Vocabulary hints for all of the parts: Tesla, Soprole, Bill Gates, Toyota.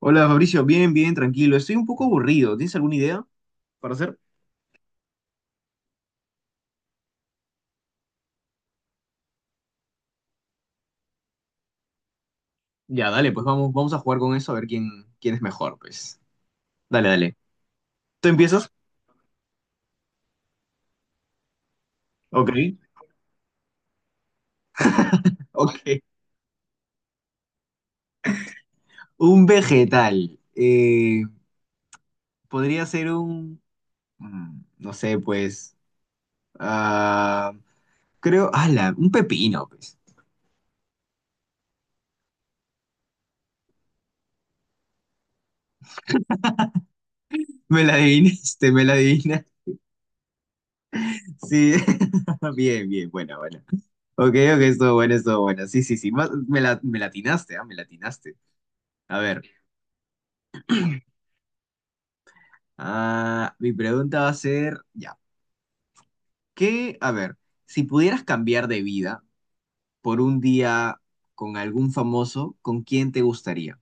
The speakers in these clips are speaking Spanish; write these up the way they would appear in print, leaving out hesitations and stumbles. Hola Fabricio, bien, bien, tranquilo. Estoy un poco aburrido. ¿Tienes alguna idea para hacer? Ya, dale, pues vamos a jugar con eso a ver quién es mejor, pues. Dale, dale. ¿Tú empiezas? Ok. Ok. Un vegetal. Podría ser no sé, pues, ah, creo, ala, un pepino, pues. Me la adivinaste, me la adivinaste. Sí. Bien, bien, bueno, bueno. Ok, ok, estuvo bueno, estuvo bueno. Sí, sí, sí. Me la atinaste, me la atinaste. A ver. Ah, mi pregunta va a ser, ya, ¿qué? A ver, si pudieras cambiar de vida por un día con algún famoso, ¿con quién te gustaría?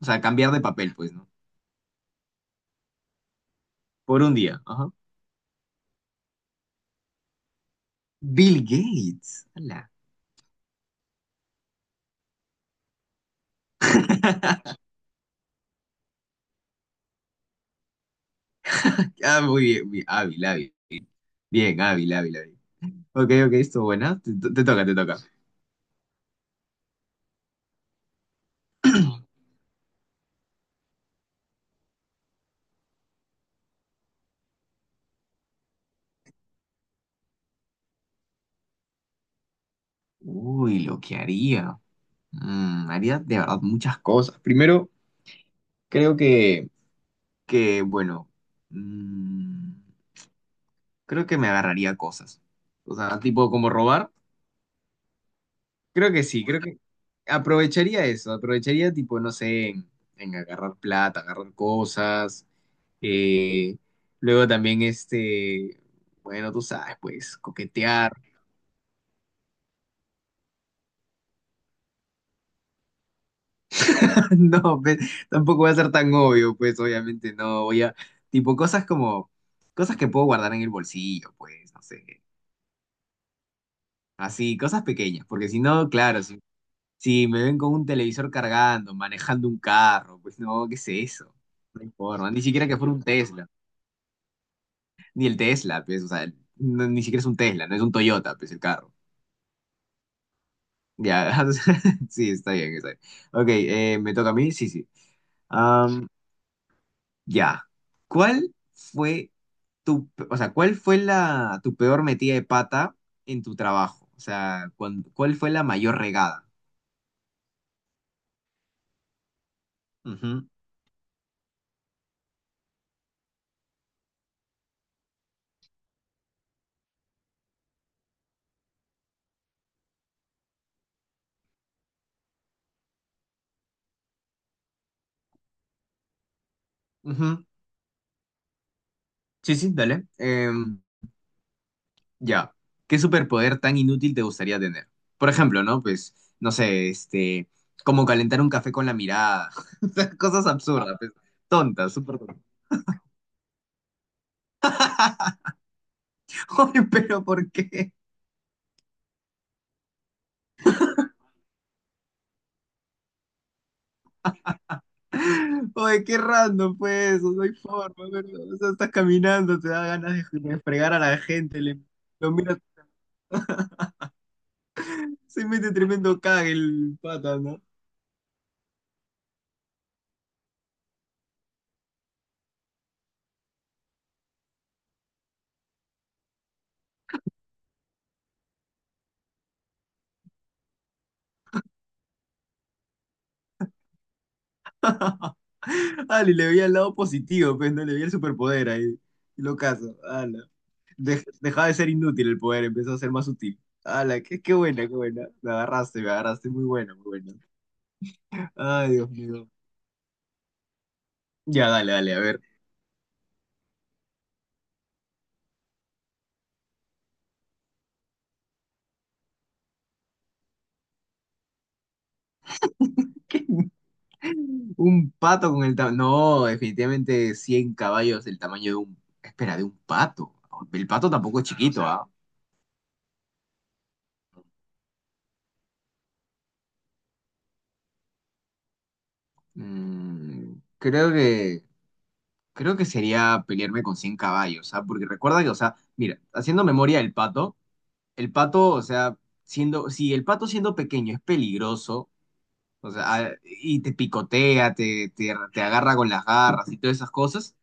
O sea, cambiar de papel, pues, ¿no? Por un día, ajá. Bill Gates. Ala. Ah, muy bien, bien, hábil, hábil. Bien, hábil, hábil, hábil. Ok, ok, esto buena. Te toca, te toca. Uy, lo que haría. Haría de verdad muchas cosas. Primero, creo que bueno. Creo que me agarraría cosas. O sea, tipo como robar. Creo que sí, creo que aprovecharía eso. Aprovecharía tipo, no sé, en agarrar plata, agarrar cosas. eh, Luego también este, bueno, tú sabes, pues, coquetear. No, tampoco va a ser tan obvio, pues, obviamente no. Tipo, cosas como, cosas que puedo guardar en el bolsillo, pues, no sé. Así, cosas pequeñas, porque si no, claro, si me ven con un televisor cargando, manejando un carro, pues no, ¿qué es eso? No hay forma, ni siquiera que fuera un Tesla, ni el Tesla, pues, o sea, ni siquiera es un Tesla, no es un Toyota, pues el carro. Ya, o sea, sí, está bien, está bien. Ok, ¿me toca a mí? Sí, sí. Am, ya. ¿Cuál fue tu, o sea, cuál fue tu peor metida de pata en tu trabajo? O sea, ¿cuál fue la mayor regada? Ujú, ujú. Sí, sí, dale. Ya, ¿qué superpoder tan inútil te gustaría tener? Por ejemplo, ¿no? Pues, no sé, este, como calentar un café con la mirada. O sea, cosas absurdas, pues, tontas, súper tontas. Oye, pero ¿por qué? Oye, qué random, pues, no hay forma, ¿verdad? O sea, estás caminando, te da ganas de, fregar a la gente, lo miras, se mete tremendo cague el pata, ¿no? Ah, le veía el lado positivo, pues, no le veía el superpoder ahí, y lo caso, ala. Dejaba de ser inútil el poder, empezó a ser más útil. ¡Hala! Qué buena, qué buena. Me agarraste, me agarraste. Muy bueno, muy bueno. Ay, Dios mío. Ya, dale, dale, a ver. Un pato con el tamaño. No, definitivamente 100 caballos del tamaño de un. Espera, de un pato. El pato tampoco es claro, chiquito, ¿ah? Creo que. Creo que sería pelearme con 100 caballos, ¿ah? Porque recuerda que, o sea, mira, haciendo memoria del pato, el pato, o sea, siendo. Si el pato siendo pequeño es peligroso. O sea, y te picotea, te agarra con las garras y todas esas cosas.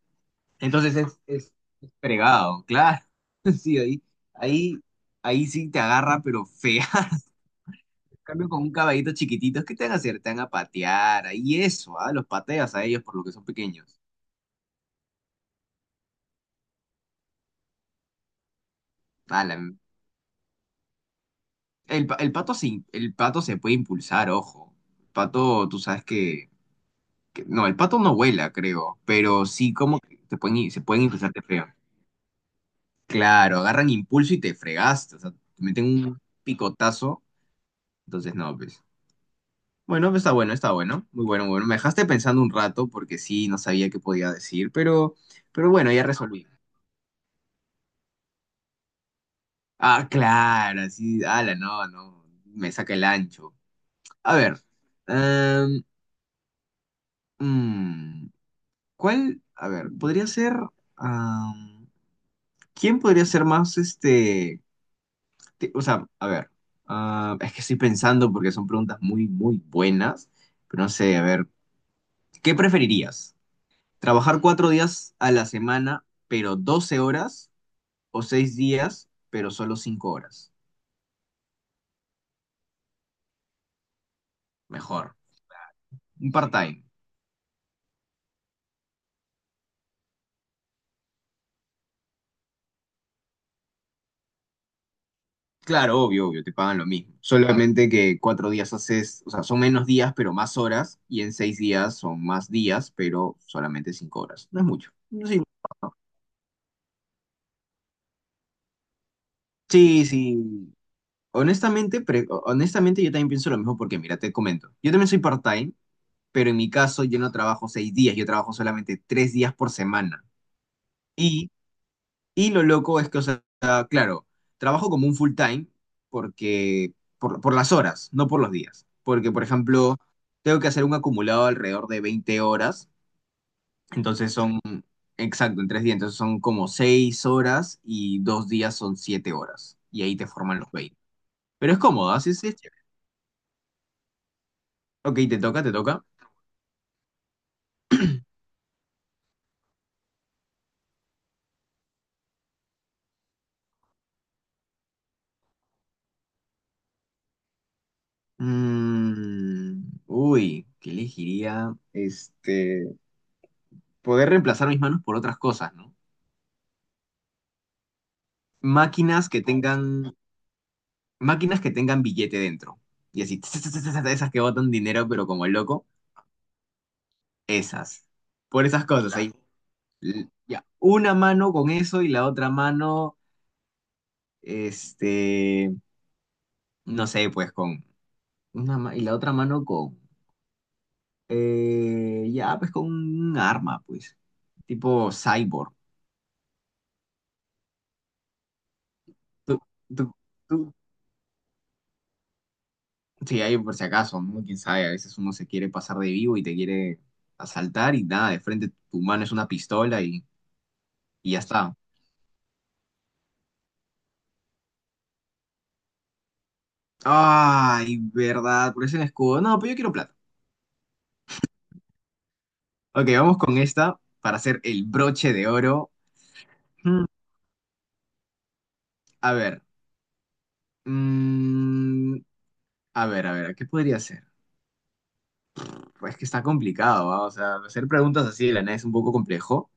Entonces es fregado, claro. Sí, ahí, ahí sí te agarra, pero fea. En cambio, con un caballito chiquitito, ¿qué te van a hacer? Te van a patear, ahí eso, ¿ah? Los pateas a ellos por lo que son pequeños. Ah, el pato se puede impulsar, ojo. El pato, tú sabes no, el pato no vuela, creo, pero sí como que se pueden impulsarte feo. Claro, agarran impulso y te fregaste. O sea, te meten un picotazo. Entonces, no, pues. Bueno, pues, está bueno, está bueno. Muy bueno, muy bueno. Me dejaste pensando un rato porque sí, no sabía qué podía decir, pero bueno, ya resolví. Ah, claro, sí. Ala, no, no. Me saca el ancho. A ver. em, mm, ¿Cuál? A ver, podría ser. am, ¿Quién podría ser más o sea, a ver, es que estoy pensando porque son preguntas muy, muy buenas, pero no sé, a ver, ¿qué preferirías? ¿Trabajar 4 días a la semana, pero 12 horas? ¿O 6 días, pero solo 5 horas? Mejor, un part-time. Claro, obvio, obvio, te pagan lo mismo. Claro. Solamente que 4 días haces, o sea, son menos días, pero más horas, y en 6 días son más días, pero solamente 5 horas. No es mucho. Sí, sí, sí. Honestamente, honestamente, yo también pienso lo mismo porque, mira, te comento. Yo también soy part-time, pero en mi caso yo no trabajo 6 días, yo trabajo solamente 3 días por semana. Y, y lo loco es que, o sea, claro, trabajo como un full-time porque, por las horas, no por los días. Porque, por ejemplo, tengo que hacer un acumulado alrededor de 20 horas, entonces son, exacto, en 3 días, entonces son como 6 horas y 2 días son 7 horas. Y ahí te forman los veinte. Pero es cómodo, así es. Es chévere. Ok, te toca, te toca. Uy, ¿qué elegiría? Este, poder reemplazar mis manos por otras cosas, ¿no? Máquinas que tengan, máquinas que tengan billete dentro. Y así, tss, tss, tss, tss, esas que botan dinero, pero como loco, esas. Por esas cosas, ahí. Ya, una mano con eso y la otra mano, este, no sé, pues con y la otra mano con, ya, pues con un arma, pues, tipo cyborg. ¿Tú, tú- tú- Sí, ahí por si acaso, ¿no? Quién sabe, a veces uno se quiere pasar de vivo y te quiere asaltar y nada, de frente tu mano es una pistola y ya está. Ay, verdad, por ese escudo. No, pues yo quiero plata. Ok, vamos con esta para hacer el broche de oro. Mm, A ver, mm, a ver, a ver, ¿qué podría ser? Pues que está complicado, ¿va? O sea, hacer preguntas así de la nada es un poco complejo,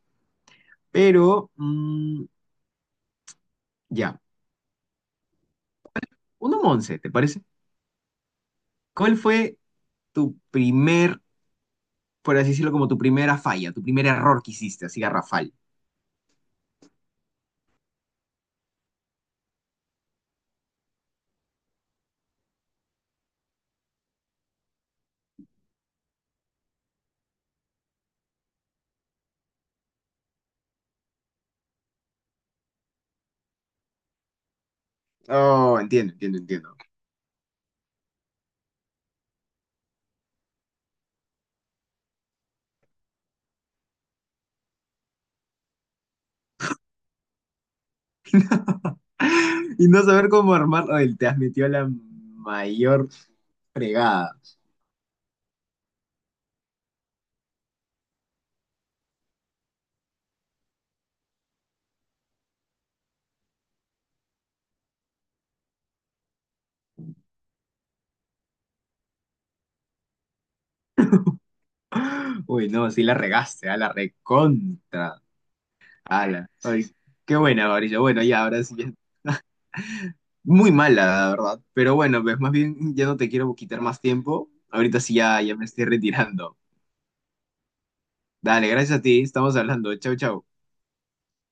pero ya, uno once, ¿te parece? ¿Cuál fue tu primer, por así decirlo, como tu primera falla, tu primer error que hiciste, así garrafal? Oh, entiendo, entiendo, entiendo. Y no saber cómo armarlo, él te has metido la mayor fregada. Uy, no, sí la regaste, a la recontra. Ala. Ay, qué buena, Mauricio. Bueno, ya, ahora sí, ya- muy mala, la verdad. Pero bueno, pues más bien ya no te quiero quitar más tiempo. Ahorita sí ya, me estoy retirando. Dale, gracias a ti, estamos hablando. Chau, chau.